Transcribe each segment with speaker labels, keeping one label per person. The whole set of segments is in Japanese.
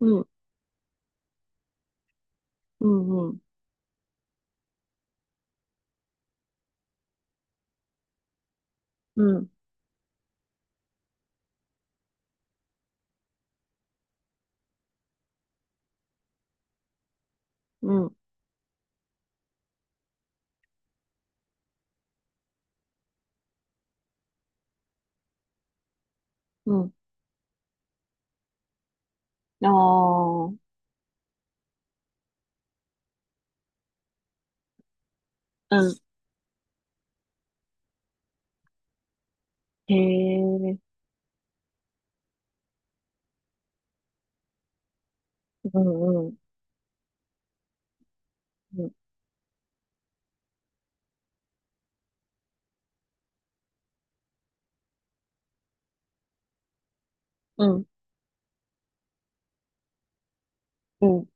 Speaker 1: うん、うん、うん、うん、うん、うん。ああ、うん。へえ、うん、うん、うん、うん、うん、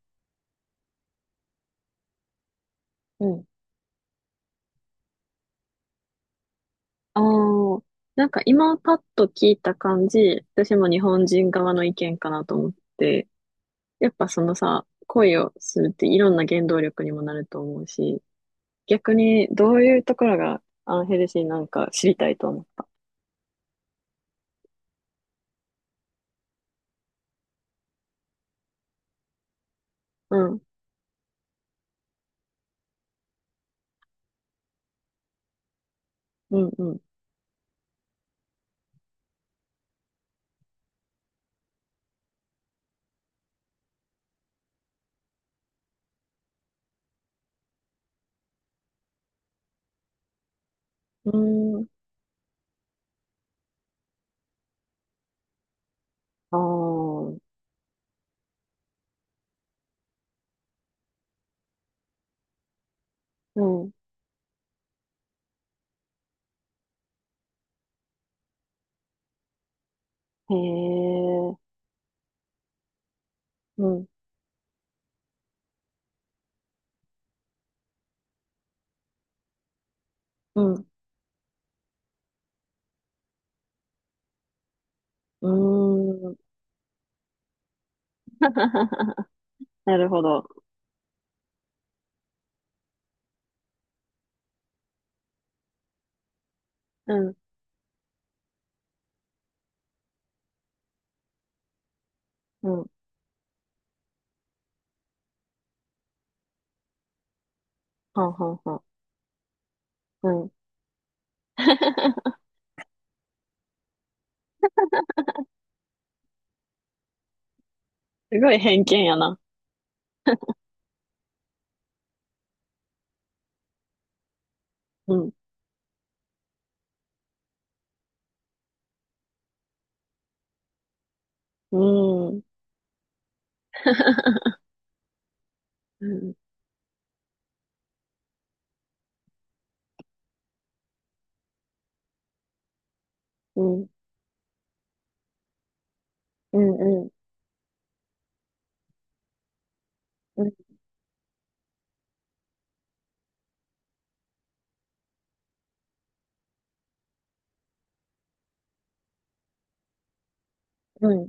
Speaker 1: うん。ああ、なんか今パッと聞いた感じ、私も日本人側の意見かなと思って、やっぱそのさ、恋をするっていろんな原動力にもなると思うし、逆にどういうところがアンヘルシーなんか知りたいと思った。うん、うん、うん。うーん、ああ、うん、へえ、うん、うん。うーん。なるほど。うん、うん。はんはんはん。うん。すごい偏見やな。うん。うーん。うん、うん、うん、うん、うん、うん、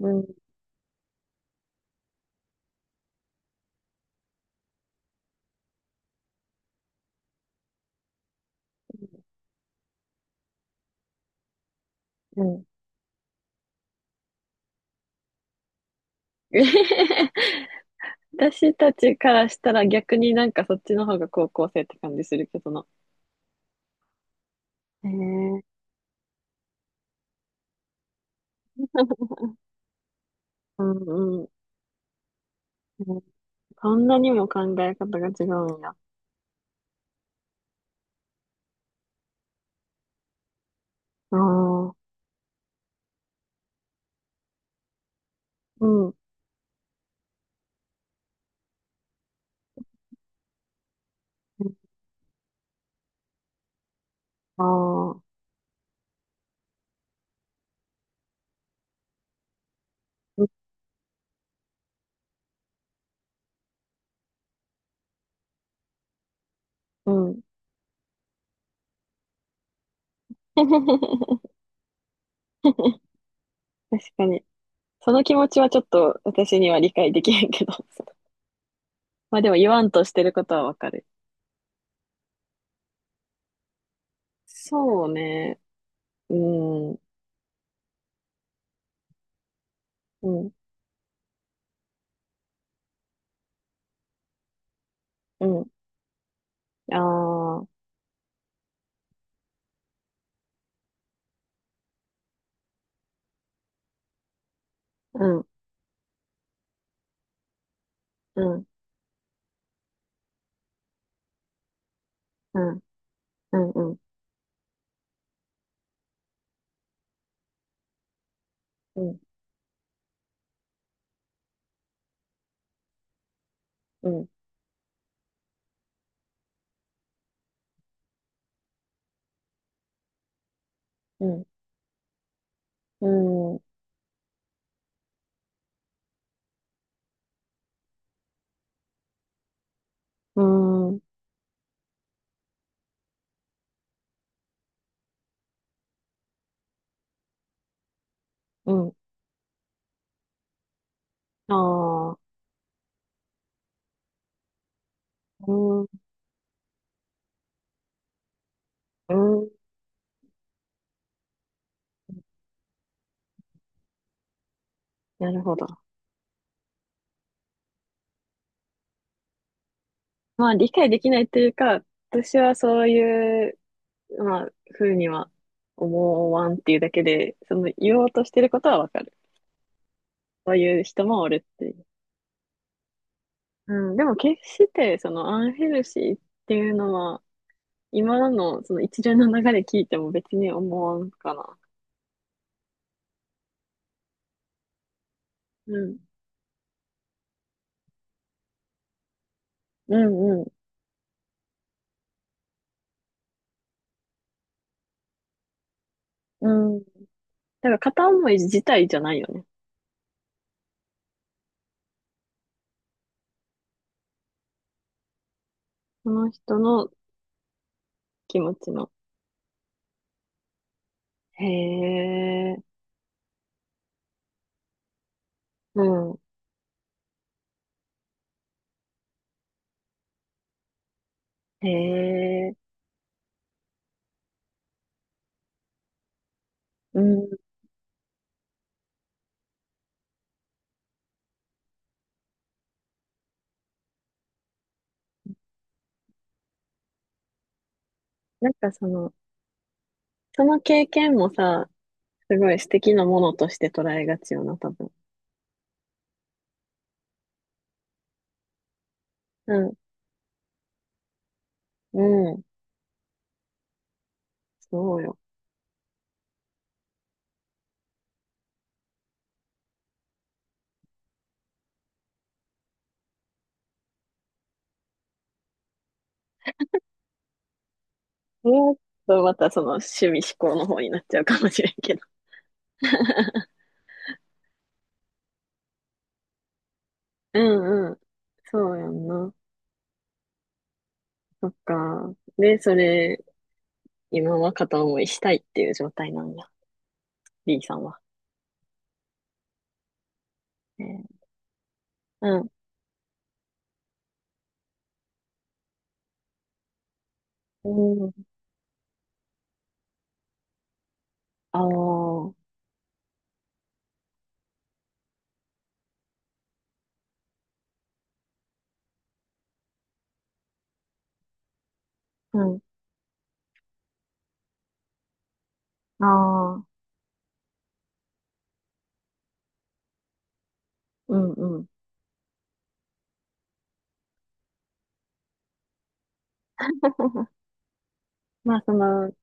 Speaker 1: うん。うん。 私たちからしたら逆になんかそっちの方が高校生って感じするけどな。へえ、うん、うん。うん、こんなにも考え方が違うんや。ああ、うん。ああ、うん。うん。 確かに。その気持ちはちょっと私には理解できへんけど。まあでも言わんとしてることはわかる。そうね。うん、うん、うん。ああ、うん、うん、うん、うん、うん、うん、うん、うん、うん、うん、うん、ああ、うん、うん、なるほど。まあ理解できないというか、私はそういう、まあ、ふうには思わんっていうだけで、その言おうとしてることはわかる。そういう人もおるっていう。うん、でも決してそのアンヘルシーっていうのは今のその一連の流れ聞いても別に思わんかな。うん。うんうん。うん。だから片思い自体じゃないよね。その人の気持ちの。へえ。うん。へえ。うん。なんかその、その経験もさ、すごい素敵なものとして捉えがちよな、多分。うん。うん。そうよ。もっとまたその趣味思考の方になっちゃうかもしれんけど。うんうん。そうやんな。そっか。で、それ、今は片思いしたいっていう状態なんや。B さんは。えー、うん。うん。ああ。うん。ああ。うんうん。まあ、その、う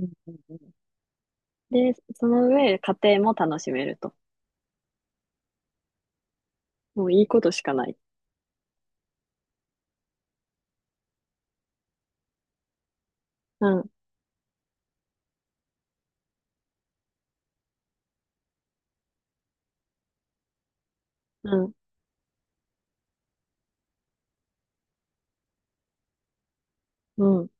Speaker 1: んうんうん、で、その上、家庭も楽しめると。もういいことしかない。うん、うん、うん、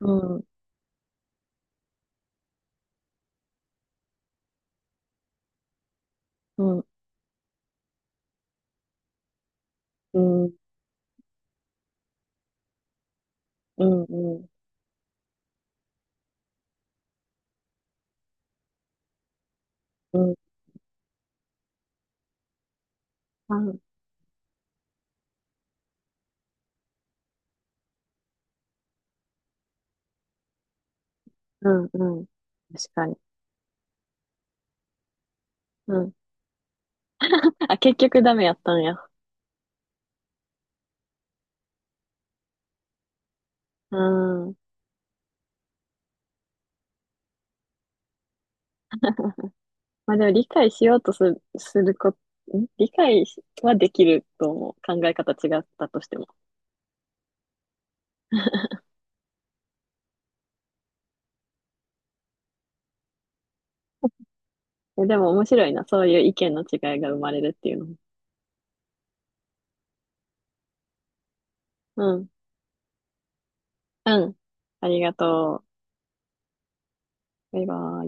Speaker 1: うん、うん、うん、うん、うん、うん、うん、うん、うん、確かに。うん。あ、結局ダメやったんや。うん。まあでも理解しようとする、するこ、ん理解はできると思う。考え方違ったとしても。え、でも面白いな。そういう意見の違いが生まれるっていうのも。うん。うん。ありがとう。バイバイ。